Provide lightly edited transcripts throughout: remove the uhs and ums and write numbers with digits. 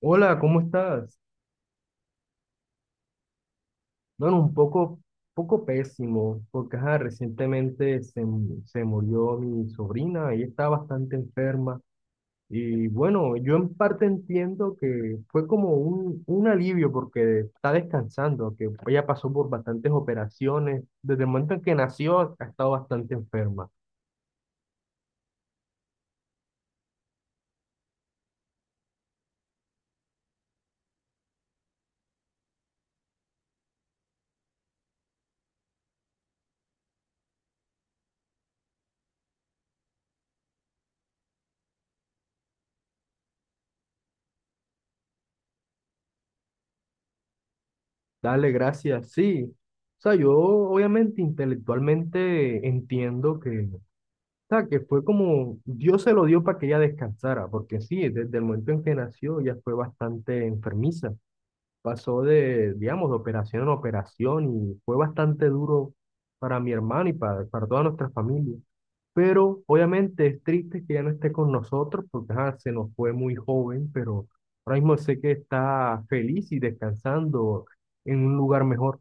Hola, ¿cómo estás? Bueno, un poco, pésimo, porque ajá, recientemente se murió mi sobrina, ella está bastante enferma. Y bueno, yo en parte entiendo que fue como un alivio porque está descansando, que ella pasó por bastantes operaciones. Desde el momento en que nació, ha estado bastante enferma. Dale, gracias, sí. O sea, yo obviamente intelectualmente entiendo que fue como Dios se lo dio para que ella descansara, porque sí, desde el momento en que nació ya fue bastante enfermiza. Pasó de, digamos, de operación en operación y fue bastante duro para mi hermano y para toda nuestra familia. Pero obviamente es triste que ya no esté con nosotros porque ajá, se nos fue muy joven, pero ahora mismo sé que está feliz y descansando en un lugar mejor.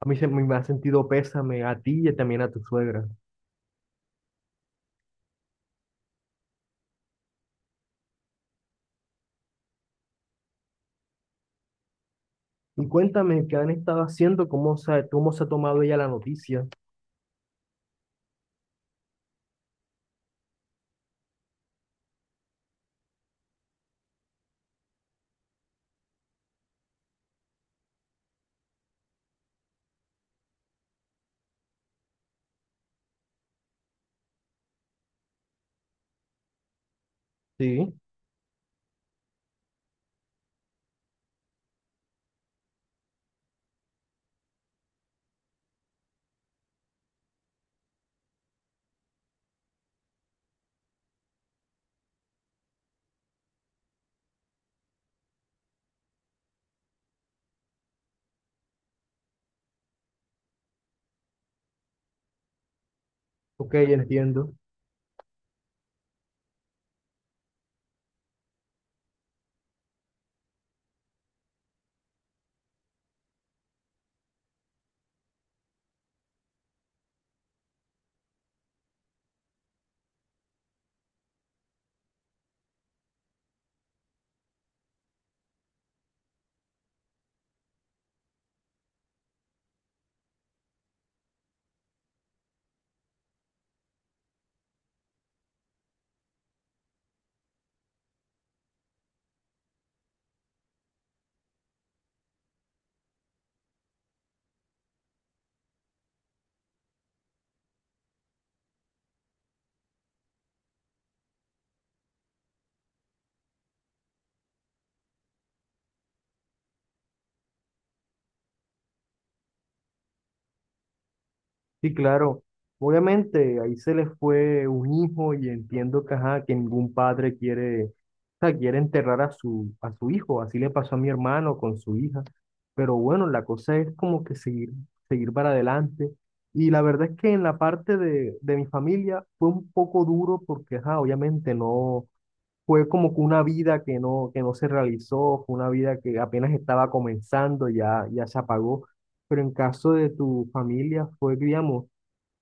A mí se me ha sentido pésame a ti y también a tu suegra. Y cuéntame qué han estado haciendo, cómo se ha tomado ella la noticia. Sí, ok, entiendo. Sí, claro. Obviamente, ahí se les fue un hijo y entiendo que, ajá, que ningún padre quiere, o sea, quiere enterrar a su hijo. Así le pasó a mi hermano con su hija. Pero bueno, la cosa es como que seguir, seguir para adelante. Y la verdad es que en la parte de mi familia fue un poco duro porque, ajá, obviamente no, fue como que una vida que no se realizó, fue una vida que apenas estaba comenzando, ya, ya se apagó. Pero en caso de tu familia fue, digamos,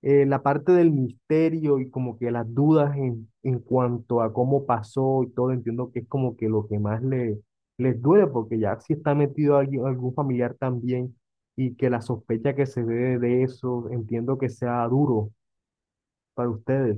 la parte del misterio y como que las dudas en cuanto a cómo pasó y todo, entiendo que es como que lo que más les duele, porque ya si está metido alguien, algún familiar también y que la sospecha que se ve de eso, entiendo que sea duro para ustedes.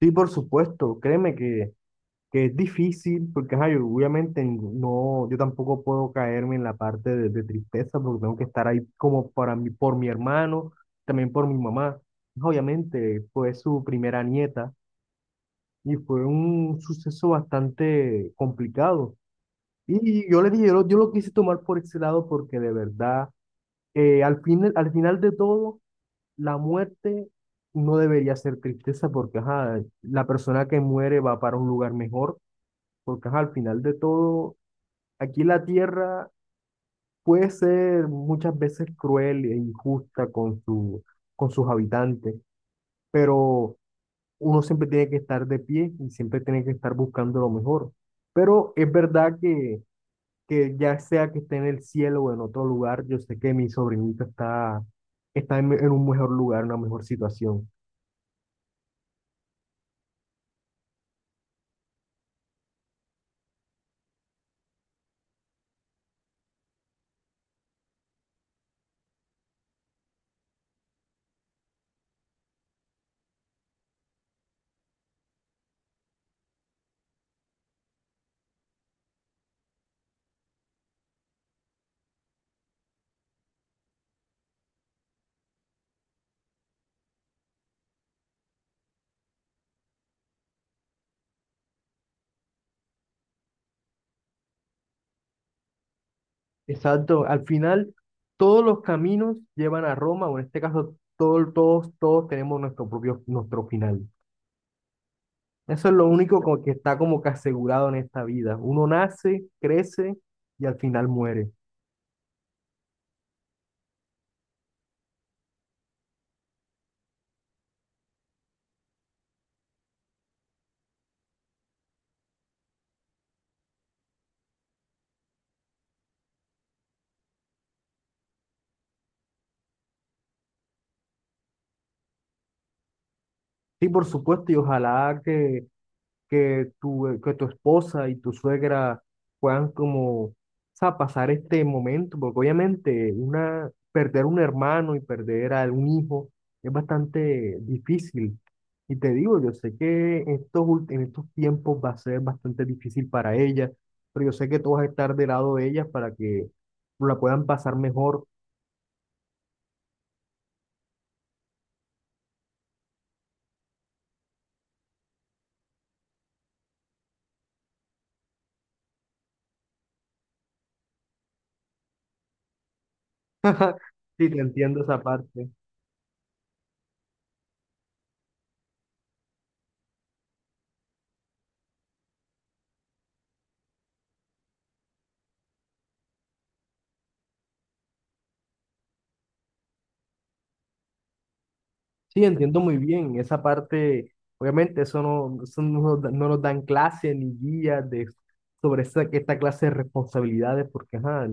Sí, por supuesto, créeme que es difícil, porque ajá, yo obviamente no, yo tampoco puedo caerme en la parte de tristeza, porque tengo que estar ahí como para mí, por mi hermano, también por mi mamá. Obviamente fue su primera nieta y fue un suceso bastante complicado. Y yo le dije, yo lo quise tomar por ese lado porque de verdad, al final de todo, la muerte no debería ser tristeza porque ajá, la persona que muere va para un lugar mejor porque ajá, al final de todo aquí la tierra puede ser muchas veces cruel e injusta con con sus habitantes, pero uno siempre tiene que estar de pie y siempre tiene que estar buscando lo mejor. Pero es verdad que ya sea que esté en el cielo o en otro lugar, yo sé que mi sobrinita está, está en un mejor lugar, una mejor situación. Exacto. Al final, todos los caminos llevan a Roma, o en este caso, todos, todos tenemos nuestro propio, nuestro final. Eso es lo único como que está como que asegurado en esta vida. Uno nace, crece y al final muere. Sí, por supuesto, y ojalá que que tu esposa y tu suegra puedan como, o sea, pasar este momento, porque obviamente una, perder un hermano y perder a un hijo es bastante difícil. Y te digo, yo sé que en en estos tiempos va a ser bastante difícil para ella, pero yo sé que tú vas a estar del lado de ellas para que la puedan pasar mejor. Sí, te entiendo esa parte. Sí, entiendo muy bien esa parte. Obviamente, eso no, nos da- no nos dan clase ni guías de, sobre esta clase de responsabilidades, porque ajá,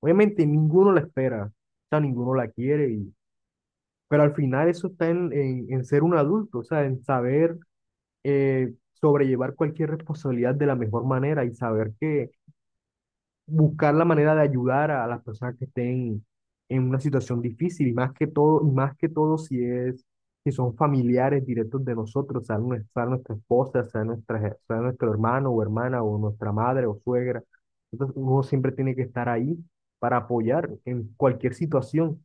obviamente ninguno la espera, o sea, ninguno la quiere, y pero al final eso está en, en ser un adulto, o sea, en saber sobrellevar cualquier responsabilidad de la mejor manera y saber que buscar la manera de ayudar a las personas que estén en una situación difícil, y más que todo, y más que todo si es, si son familiares directos de nosotros, sea, sea nuestra esposa, sea, nuestra, sea nuestro hermano o hermana, o nuestra madre o suegra. Entonces, uno siempre tiene que estar ahí para apoyar en cualquier situación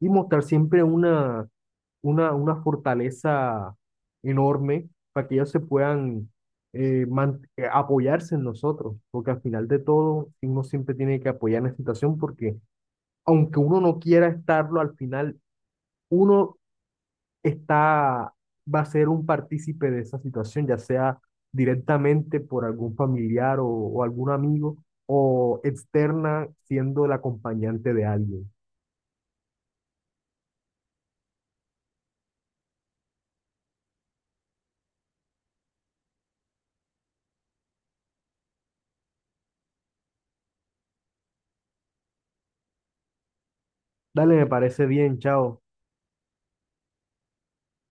y mostrar siempre una fortaleza enorme para que ellos se puedan apoyarse en nosotros, porque al final de todo uno siempre tiene que apoyar en la situación porque aunque uno no quiera estarlo, al final uno está, va a ser un partícipe de esa situación, ya sea directamente por algún familiar o algún amigo o externa siendo el acompañante de alguien. Dale, me parece bien, chao.